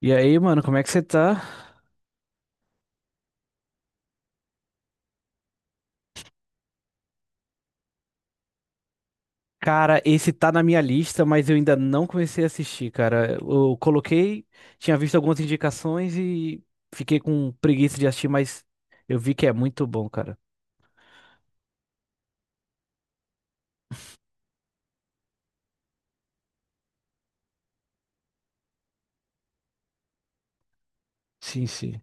E aí, mano, como é que você tá? Cara, esse tá na minha lista, mas eu ainda não comecei a assistir, cara. Eu coloquei, tinha visto algumas indicações e fiquei com preguiça de assistir, mas eu vi que é muito bom, cara. Sim, sim.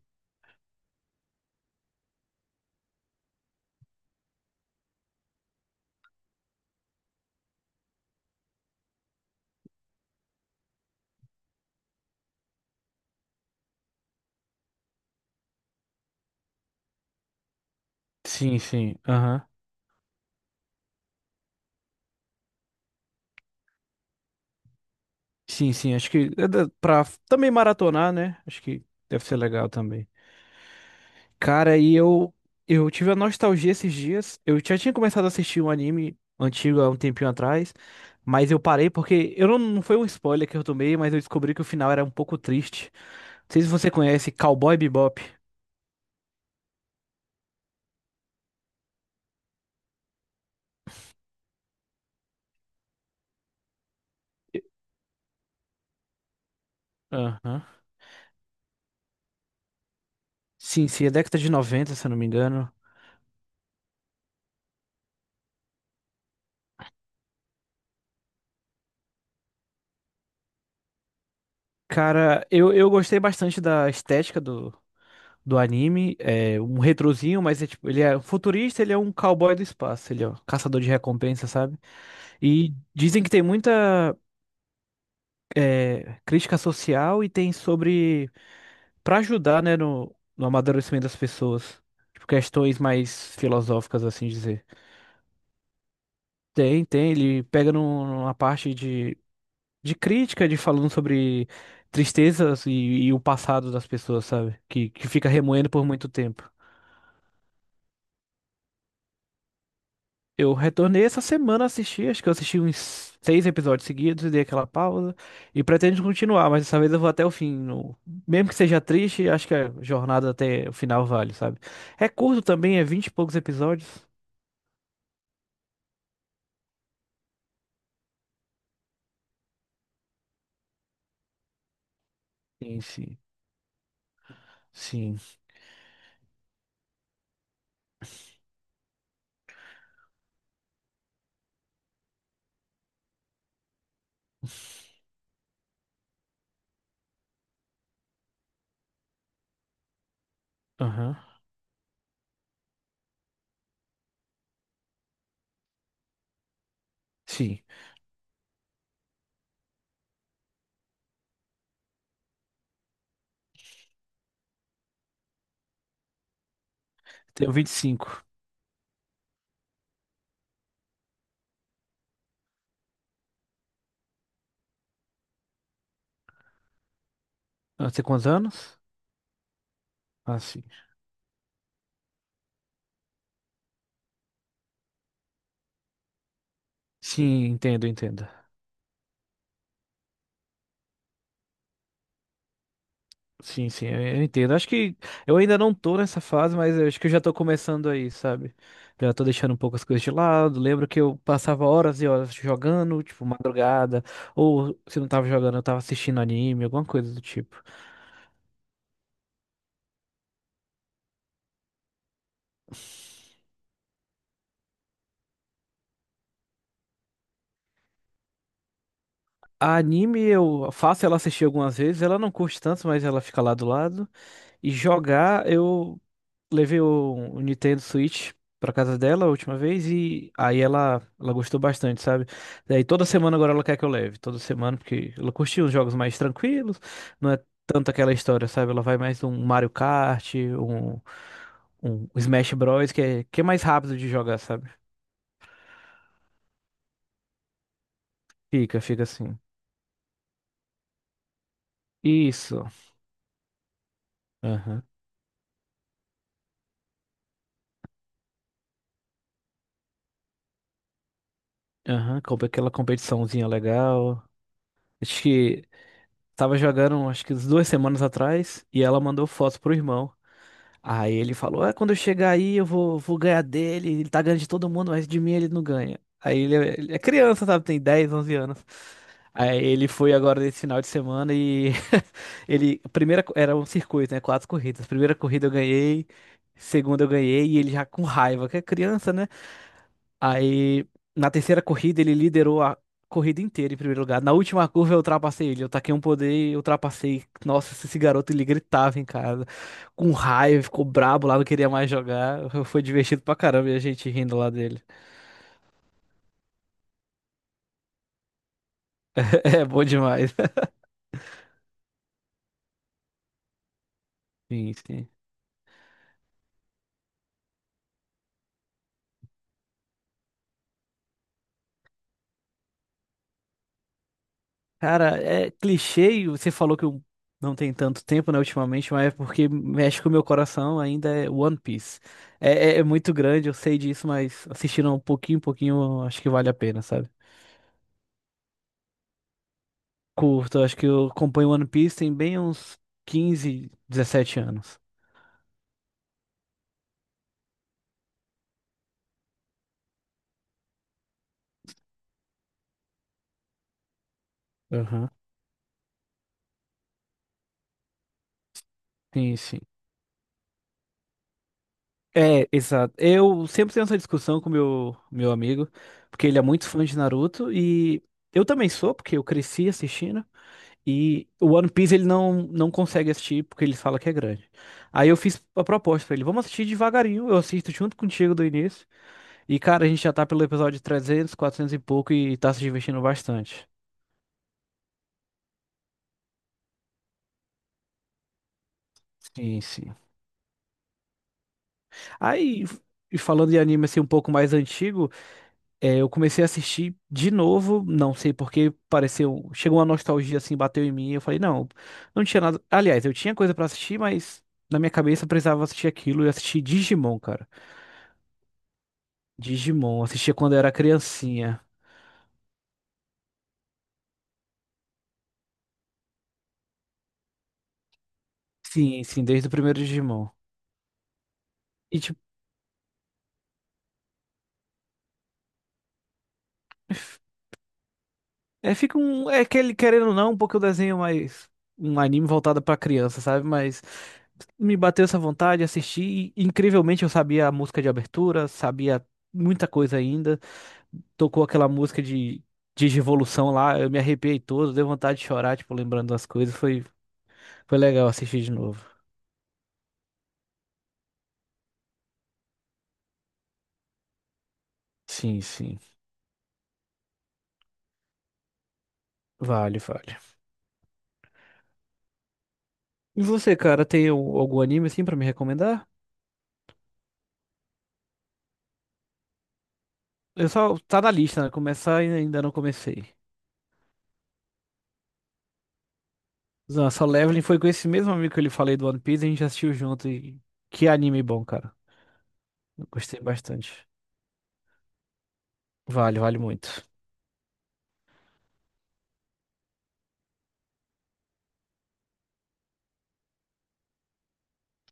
Sim, sim. Aham. Sim, sim. Acho que pra também maratonar, né? Acho que deve ser legal também. Cara, e eu tive a nostalgia esses dias. Eu já tinha começado a assistir um anime antigo há um tempinho atrás, mas eu parei porque eu não foi um spoiler que eu tomei, mas eu descobri que o final era um pouco triste. Não sei se você conhece Cowboy Bebop. Aham. Sim, sim, é década de 90 se eu não me engano. Cara, eu gostei bastante da estética do anime. É um retrozinho, mas é tipo, ele é um futurista, ele é um cowboy do espaço, ele é um caçador de recompensa, sabe? E dizem que tem muita crítica social e tem sobre para ajudar, né, no amadurecimento das pessoas. Tipo, questões mais filosóficas, assim dizer. Tem, tem, ele pega numa parte de crítica, de falando sobre tristezas e o passado das pessoas, sabe? Que fica remoendo por muito tempo. Eu retornei essa semana a assistir, acho que eu assisti uns seis episódios seguidos dei aquela pausa. E pretendo continuar, mas dessa vez eu vou até o fim. Mesmo que seja triste, acho que a jornada até o final vale, sabe? É curto também, é vinte e poucos episódios. Sim, sim. Sim. Aham. Sim. Tenho 25. Ah, você tem quantos anos? Ah, sim. Sim, entendo, entendo. Sim, sim, eu entendo. Acho que eu ainda não tô nessa fase, mas eu acho que eu já tô começando aí, sabe? Já tô deixando um pouco as coisas de lado. Lembro que eu passava horas e horas jogando, tipo, madrugada, ou se não tava jogando, eu tava assistindo anime, alguma coisa do tipo. A anime eu faço ela assistir algumas vezes, ela não curte tanto, mas ela fica lá do lado. E jogar, eu levei o Nintendo Switch pra casa dela a última vez e aí ela gostou bastante, sabe? Daí toda semana agora ela quer que eu leve, toda semana, porque ela curtiu os jogos mais tranquilos, não é tanto aquela história, sabe? Ela vai mais um Mario Kart, um Smash Bros, que é mais rápido de jogar, sabe? Fica, fica assim. Isso. Aham. Aham, compra aquela competiçãozinha legal. Acho que tava jogando, acho que uns 2 semanas atrás, e ela mandou foto pro irmão. Aí ele falou: Ah, quando eu chegar aí, eu vou ganhar dele. Ele tá ganhando de todo mundo, mas de mim ele não ganha. Aí ele é criança, sabe? Tem 10, 11 anos. Aí ele foi agora nesse final de semana. ele. A Primeira, co- era um circuito, né? Quatro corridas. Primeira corrida eu ganhei, segunda eu ganhei, e ele já com raiva, que é criança, né? Aí, na terceira corrida, ele liderou a corrida inteira em primeiro lugar. Na última curva, eu ultrapassei ele. Eu taquei um poder e ultrapassei. Nossa, esse garoto, ele gritava em casa. Com raiva, ficou brabo lá, não queria mais jogar. Foi divertido pra caramba e a gente rindo lá dele. É bom demais. Sim, sim. Cara, é clichê e você falou que eu não tem tanto tempo, né, ultimamente, mas é porque mexe com o meu coração ainda é One Piece. É muito grande, eu sei disso, mas assistindo um pouquinho, pouquinho, acho que vale a pena, sabe? Curto, acho que eu acompanho One Piece tem bem uns 15, 17 anos. Aham. Sim, sim. É, exato. Eu sempre tenho essa discussão com meu amigo, porque ele é muito fã de Naruto e eu também sou, porque eu cresci assistindo. E o One Piece ele não consegue assistir porque ele fala que é grande. Aí eu fiz a proposta pra ele, vamos assistir devagarinho, eu assisto junto contigo do início. E cara, a gente já tá pelo episódio 300, 400 e pouco e tá se divertindo bastante. Sim, sim. Aí, e falando de anime assim um pouco mais antigo, eu comecei a assistir de novo, não sei porque pareceu, chegou uma nostalgia assim, bateu em mim, eu falei, não, não tinha nada. Aliás, eu tinha coisa pra assistir, mas na minha cabeça eu precisava assistir aquilo e assisti Digimon, cara. Digimon, assistia quando eu era criancinha. Sim, sim, desde o primeiro Digimon. E é, fica um. É aquele, querendo ou não, um pouco o desenho mais. Um anime voltado pra criança, sabe? Mas me bateu essa vontade, assisti. E, incrivelmente, eu sabia a música de abertura, sabia muita coisa ainda. Tocou aquela música de Revolução lá, eu me arrepiei todo, deu vontade de chorar, tipo, lembrando das coisas. Foi legal assistir de novo. Sim, sim. Vale, vale. E você, cara, tem algum anime assim pra me recomendar? Eu só. Tá na lista, né? Começar e ainda não comecei. Nossa, só Leveling foi com esse mesmo amigo que eu lhe falei do One Piece, a gente assistiu junto e que anime bom, cara. Eu gostei bastante. Vale, vale muito.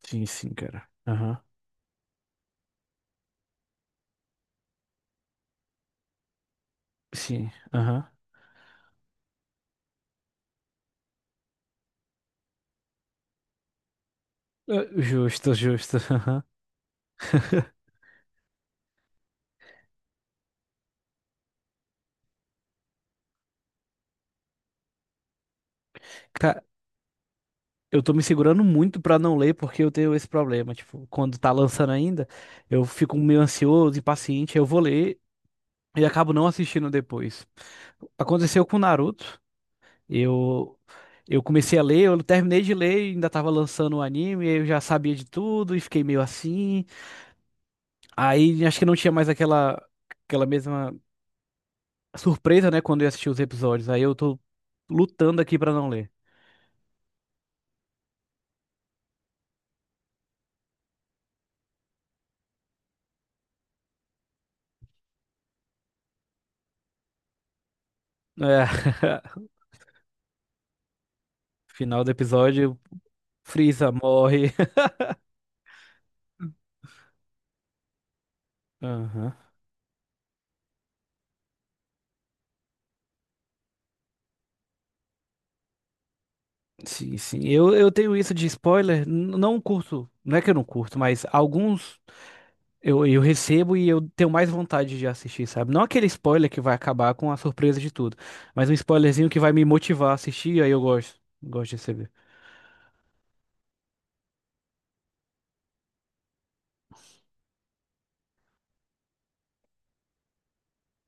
Sim, sim, cara. Aham. Sim, aham. Ah, justo, justo. Aham. Cara, eu tô me segurando muito pra não ler porque eu tenho esse problema. Tipo, quando tá lançando ainda, eu fico meio ansioso, impaciente, eu vou ler e acabo não assistindo depois. Aconteceu com Naruto. Eu eu comecei a ler, eu terminei de ler, e ainda tava lançando o anime, eu já sabia de tudo e fiquei meio assim. Aí acho que não tinha mais aquela mesma surpresa, né, quando eu assisti os episódios. Aí eu tô lutando aqui pra não ler. É. Final do episódio, Frieza morre. Aham. Sim, sim. Eu tenho isso de spoiler. Não curto, não é que eu não curto, mas alguns. Eu recebo e eu tenho mais vontade de assistir, sabe? Não aquele spoiler que vai acabar com a surpresa de tudo, mas um spoilerzinho que vai me motivar a assistir, aí eu gosto. Gosto de receber.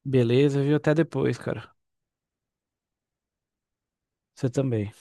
Beleza, viu? Até depois, cara. Você também.